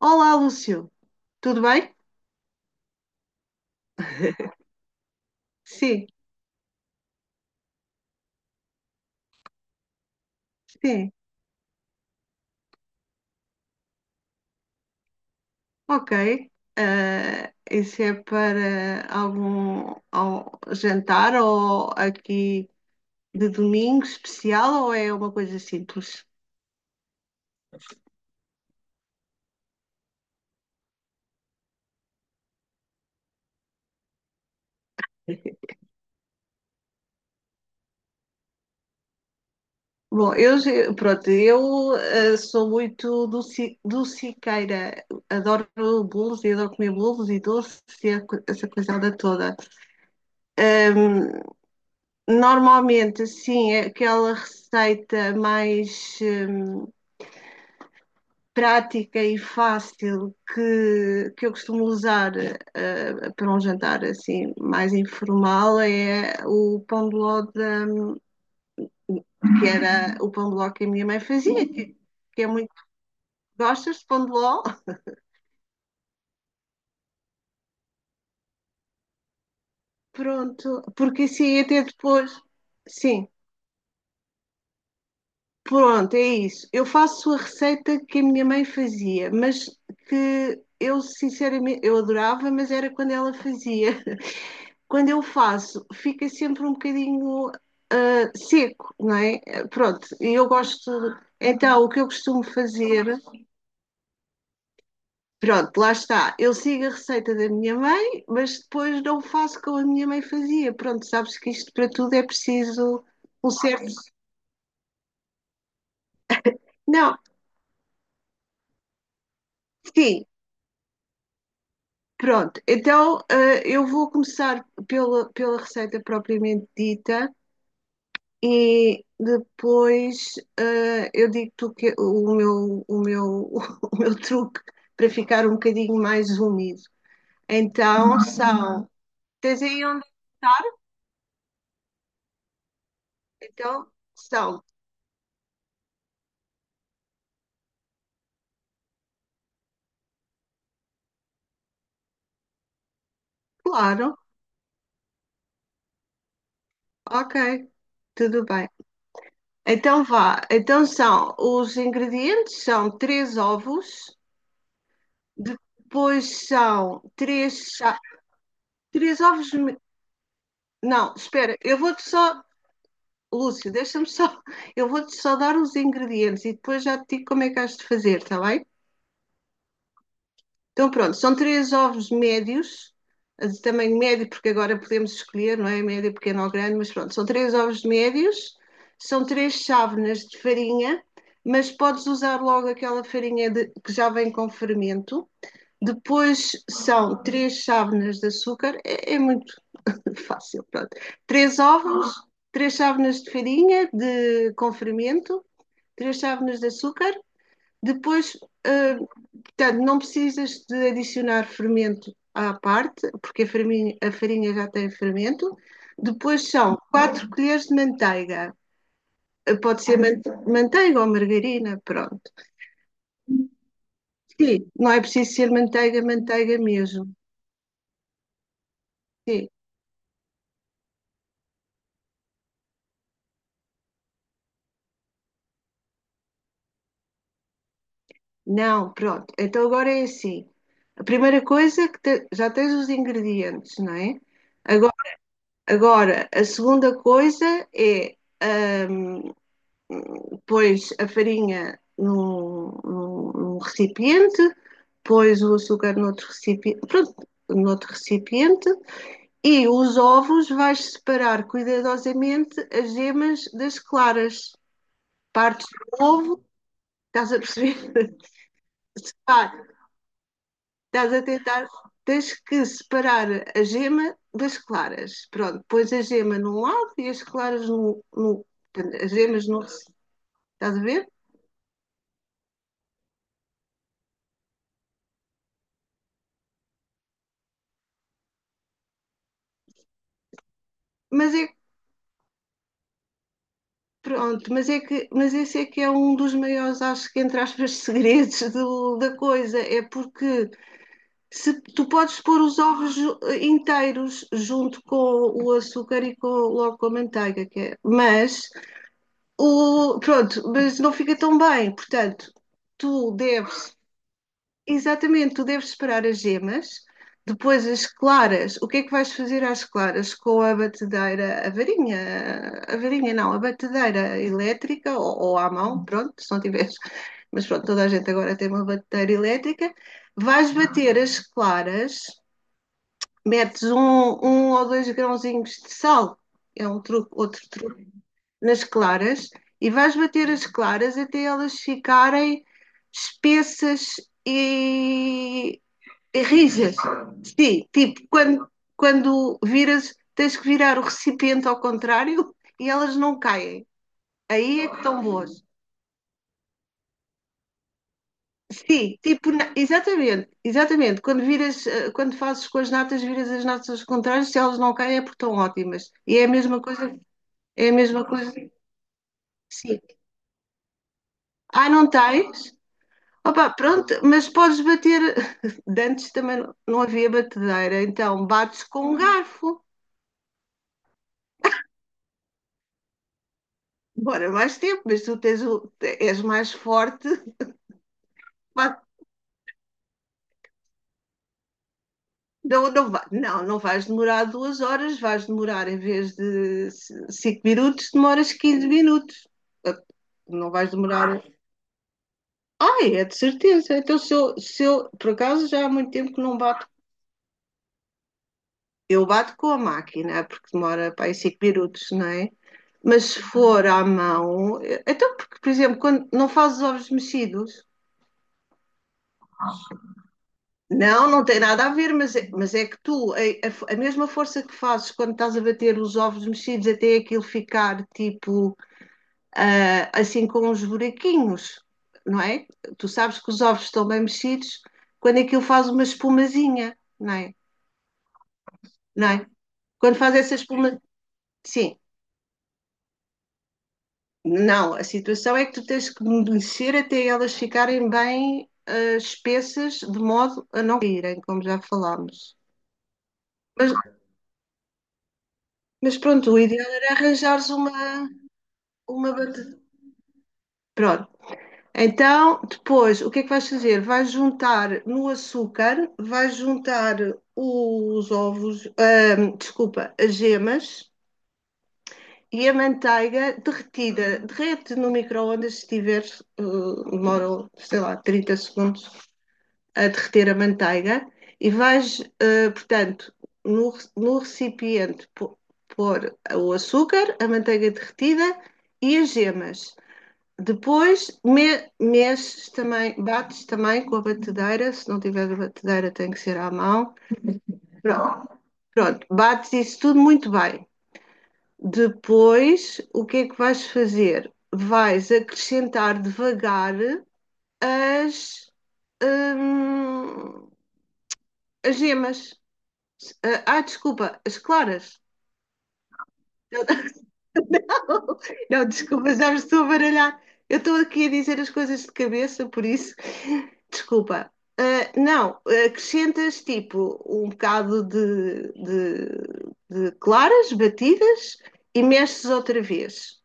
Olá, Lúcio. Tudo bem? Sim, sim. Ok. Ah, isso é para algum, jantar ou aqui de domingo especial ou é uma coisa simples? Bom, pronto, eu sou muito dociqueira. Adoro bolos e adoro comer bolos e doces e essa coisada toda. Normalmente, sim, é aquela receita mais prática e fácil que eu costumo usar, para um jantar assim mais informal é o pão de ló que era o pão de ló que a minha mãe fazia, que é muito gostas de pão de ló? Pronto, porque assim até depois, sim, pronto, é isso. Eu faço a receita que a minha mãe fazia, mas que eu sinceramente eu adorava, mas era quando ela fazia quando eu faço, fica sempre um bocadinho seco, não é? Pronto, e eu gosto. Então, o que eu costumo fazer, pronto, lá está. Eu sigo a receita da minha mãe, mas depois não faço como a minha mãe fazia. Pronto, sabes que isto para tudo é preciso um certo. Não, sim, pronto. Então, eu vou começar pela receita propriamente dita e depois, eu digo-te o meu, o meu truque para ficar um bocadinho mais úmido. Então são. Tens aí onde? Então são. Claro. Ok. Tudo bem. Então vá. Então são. Os ingredientes são três ovos. Depois são três. Três ovos. Não, espera. Eu vou-te só. Lúcio, deixa-me só. Eu vou-te só dar os ingredientes e depois já te digo como é que has de fazer, está bem? Então, pronto, são três ovos médios, de tamanho médio, porque agora podemos escolher, não é? Médio, pequeno ou grande, mas pronto, são três ovos médios, são 3 chávenas de farinha, mas podes usar logo aquela farinha que já vem com fermento. Depois são 3 chávenas de açúcar, é muito fácil, pronto. Três ovos, 3 chávenas de farinha com fermento, 3 chávenas de açúcar. Depois, ah, Portanto, não precisas de adicionar fermento à parte, porque a farinha já tem fermento. Depois são 4 colheres de manteiga. Pode ser manteiga ou margarina, pronto. Sim, não é preciso ser manteiga, manteiga mesmo. Sim, não, pronto. Então agora é assim. A primeira coisa é que já tens os ingredientes, não é? Agora, agora, a segunda coisa é hum, pôs a farinha num recipiente, pôs o açúcar noutro recipiente, pronto, noutro recipiente, e os ovos vais separar cuidadosamente as gemas das claras. Partes do ovo, estás a perceber? Estás a tentar, tens que separar a gema das claras. Pronto, pões a gema num lado e as claras as gemas no recipiente. Estás a ver? Mas é Pronto, mas esse é que é um dos maiores, acho que, entre aspas, segredos da coisa. É porque se tu podes pôr os ovos inteiros junto com o açúcar e com, logo com a manteiga, que é, mas o, pronto, mas não fica tão bem. Portanto, tu deves Exatamente, tu deves esperar as gemas, depois as claras. O que é que vais fazer às claras? Com a batedeira, a varinha não, a batedeira elétrica ou à mão, pronto, se não tiveres, mas pronto, toda a gente agora tem uma batedeira elétrica. Vais bater as claras, metes um ou dois grãozinhos de sal, é um truque, outro truque, nas claras, e vais bater as claras até elas ficarem espessas e rijas. Sim, tipo, quando, viras, tens que virar o recipiente ao contrário e elas não caem. Aí é que estão boas. Sim, tipo, exatamente, exatamente. Quando viras, quando fazes com as natas, viras as natas contrárias, se elas não caem é porque estão ótimas. E é a mesma coisa, é a mesma coisa. Sim. Ah, não tens? Opa, pronto, mas podes bater. De antes também não havia batedeira, então bates com um garfo. Demora mais tempo, mas tu és mais forte. Pá, não, não, não, não vais demorar 2 horas, vais demorar em vez de 5 minutos, demoras 15 minutos. Ah, não vais demorar. Ah, é de certeza. Então, se eu, por acaso, já há muito tempo que não bato. Eu bato com a máquina, porque demora para aí 5 minutos, não é? Mas se for à mão, então, porque, por exemplo, quando não fazes ovos mexidos. Não, não tem nada a ver, mas é que tu, a mesma força que fazes quando estás a bater os ovos mexidos até aquilo ficar tipo, assim com uns buraquinhos, não é? Tu sabes que os ovos estão bem mexidos quando aquilo faz uma espumazinha, não é? Não é? Quando faz essa espuma. Sim, não, a situação é que tu tens que mexer até elas ficarem bem, espessas, de modo a não caírem, como já falámos. Mas, mas, pronto, o ideal era arranjares uma. Uma batata. Pronto. Então, depois, o que é que vais fazer? Vais juntar no açúcar, vais juntar os ovos, desculpa, as gemas e a manteiga derretida. Derrete no micro-ondas se tiveres, demora, sei lá, 30 segundos a derreter a manteiga. E vais, portanto, no recipiente, pôr o açúcar, a manteiga derretida e as gemas. Depois mexes também, bates também com a batedeira, se não tiver a batedeira tem que ser à mão. Pronto, pronto, bates isso tudo muito bem. Depois, o que é que vais fazer? Vais acrescentar devagar as, hum, as gemas. Ah, desculpa, as claras. Não, desculpa, já me estou a baralhar. Eu estou aqui a dizer as coisas de cabeça, por isso, desculpa. Ah, não, acrescentas tipo um bocado de, de claras batidas e mexes outra vez.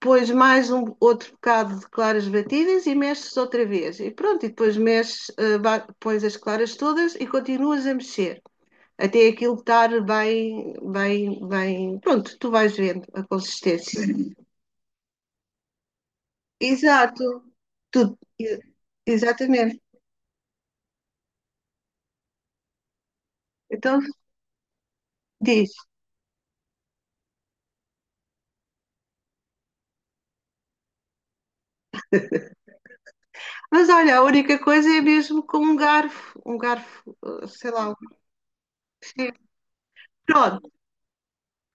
Pões mais um outro bocado de claras batidas e mexes outra vez. E pronto, e depois mexes, pões as claras todas e continuas a mexer. Até aquilo estar bem, bem, bem. Pronto, tu vais vendo a consistência. Exato. tudo e- Exatamente. Então diz. Mas olha, a única coisa é mesmo com um garfo. Um garfo, sei lá. Sim. Pronto.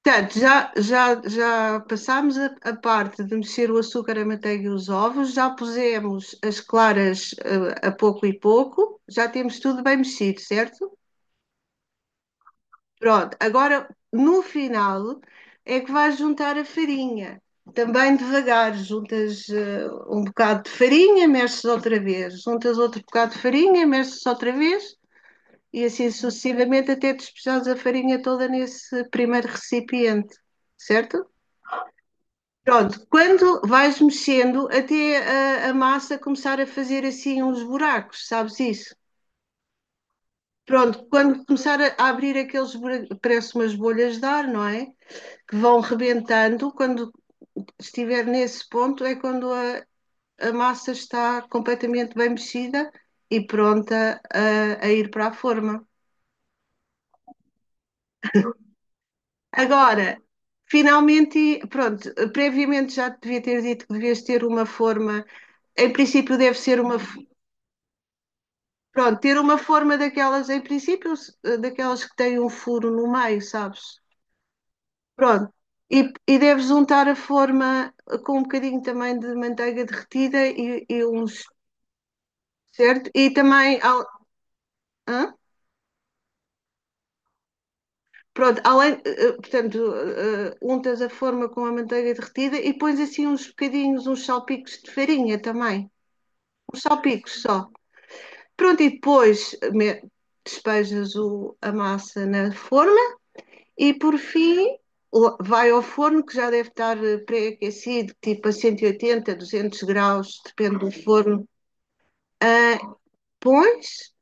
Portanto, já passámos a parte de mexer o açúcar, a manteiga e os ovos, já pusemos as claras, a pouco e pouco, já temos tudo bem mexido, certo? Pronto, agora no final é que vais juntar a farinha. Também devagar, juntas, um bocado de farinha, mexes outra vez, juntas outro bocado de farinha, mexes outra vez e assim sucessivamente até despejares a farinha toda nesse primeiro recipiente, certo? Pronto, quando vais mexendo até a massa começar a fazer assim uns buracos, sabes isso? Pronto, quando começar a abrir aqueles buracos, parece umas bolhas de ar, não é? Que vão rebentando. Quando estiver nesse ponto, é quando a massa está completamente bem mexida e pronta a ir para a forma. Agora, finalmente, pronto, previamente já te devia ter dito que devias ter uma forma, em princípio, deve ser uma. Pronto, ter uma forma daquelas, em princípio, daquelas que têm um furo no meio, sabes? Pronto, e deves untar a forma com um bocadinho também de manteiga derretida e uns certo? E também, hã? Pronto, além, portanto, untas a forma com a manteiga derretida e pões assim uns bocadinhos, uns salpicos de farinha também, uns salpicos só. Pronto, e depois, despejas a massa na forma e por fim vai ao forno que já deve estar, pré-aquecido, tipo a 180, 200 graus, depende do forno. Ah, pões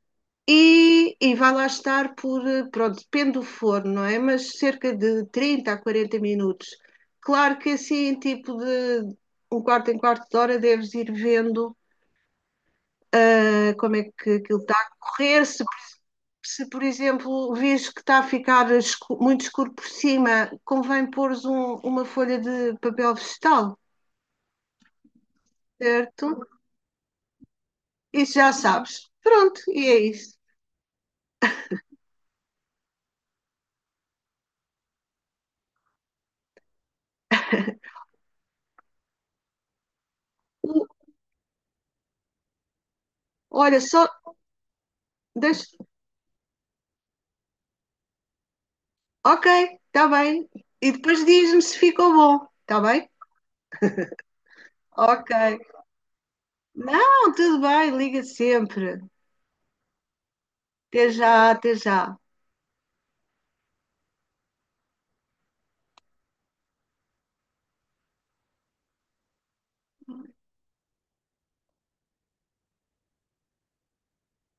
E vai lá estar por, pronto, depende do forno, não é? Mas cerca de 30 a 40 minutos. Claro que assim, tipo de um quarto em quarto de hora, deves ir vendo, como é que aquilo está a correr. Se, por exemplo, vês que está a ficar muito escuro por cima, convém pôres uma folha de papel vegetal, certo? Isso já sabes. Pronto, e é isso. O- Olha, só deixa, ok, está bem. E depois diz-me se ficou bom, está bem? Ok. Não, tudo bem, liga sempre. Até já, até já.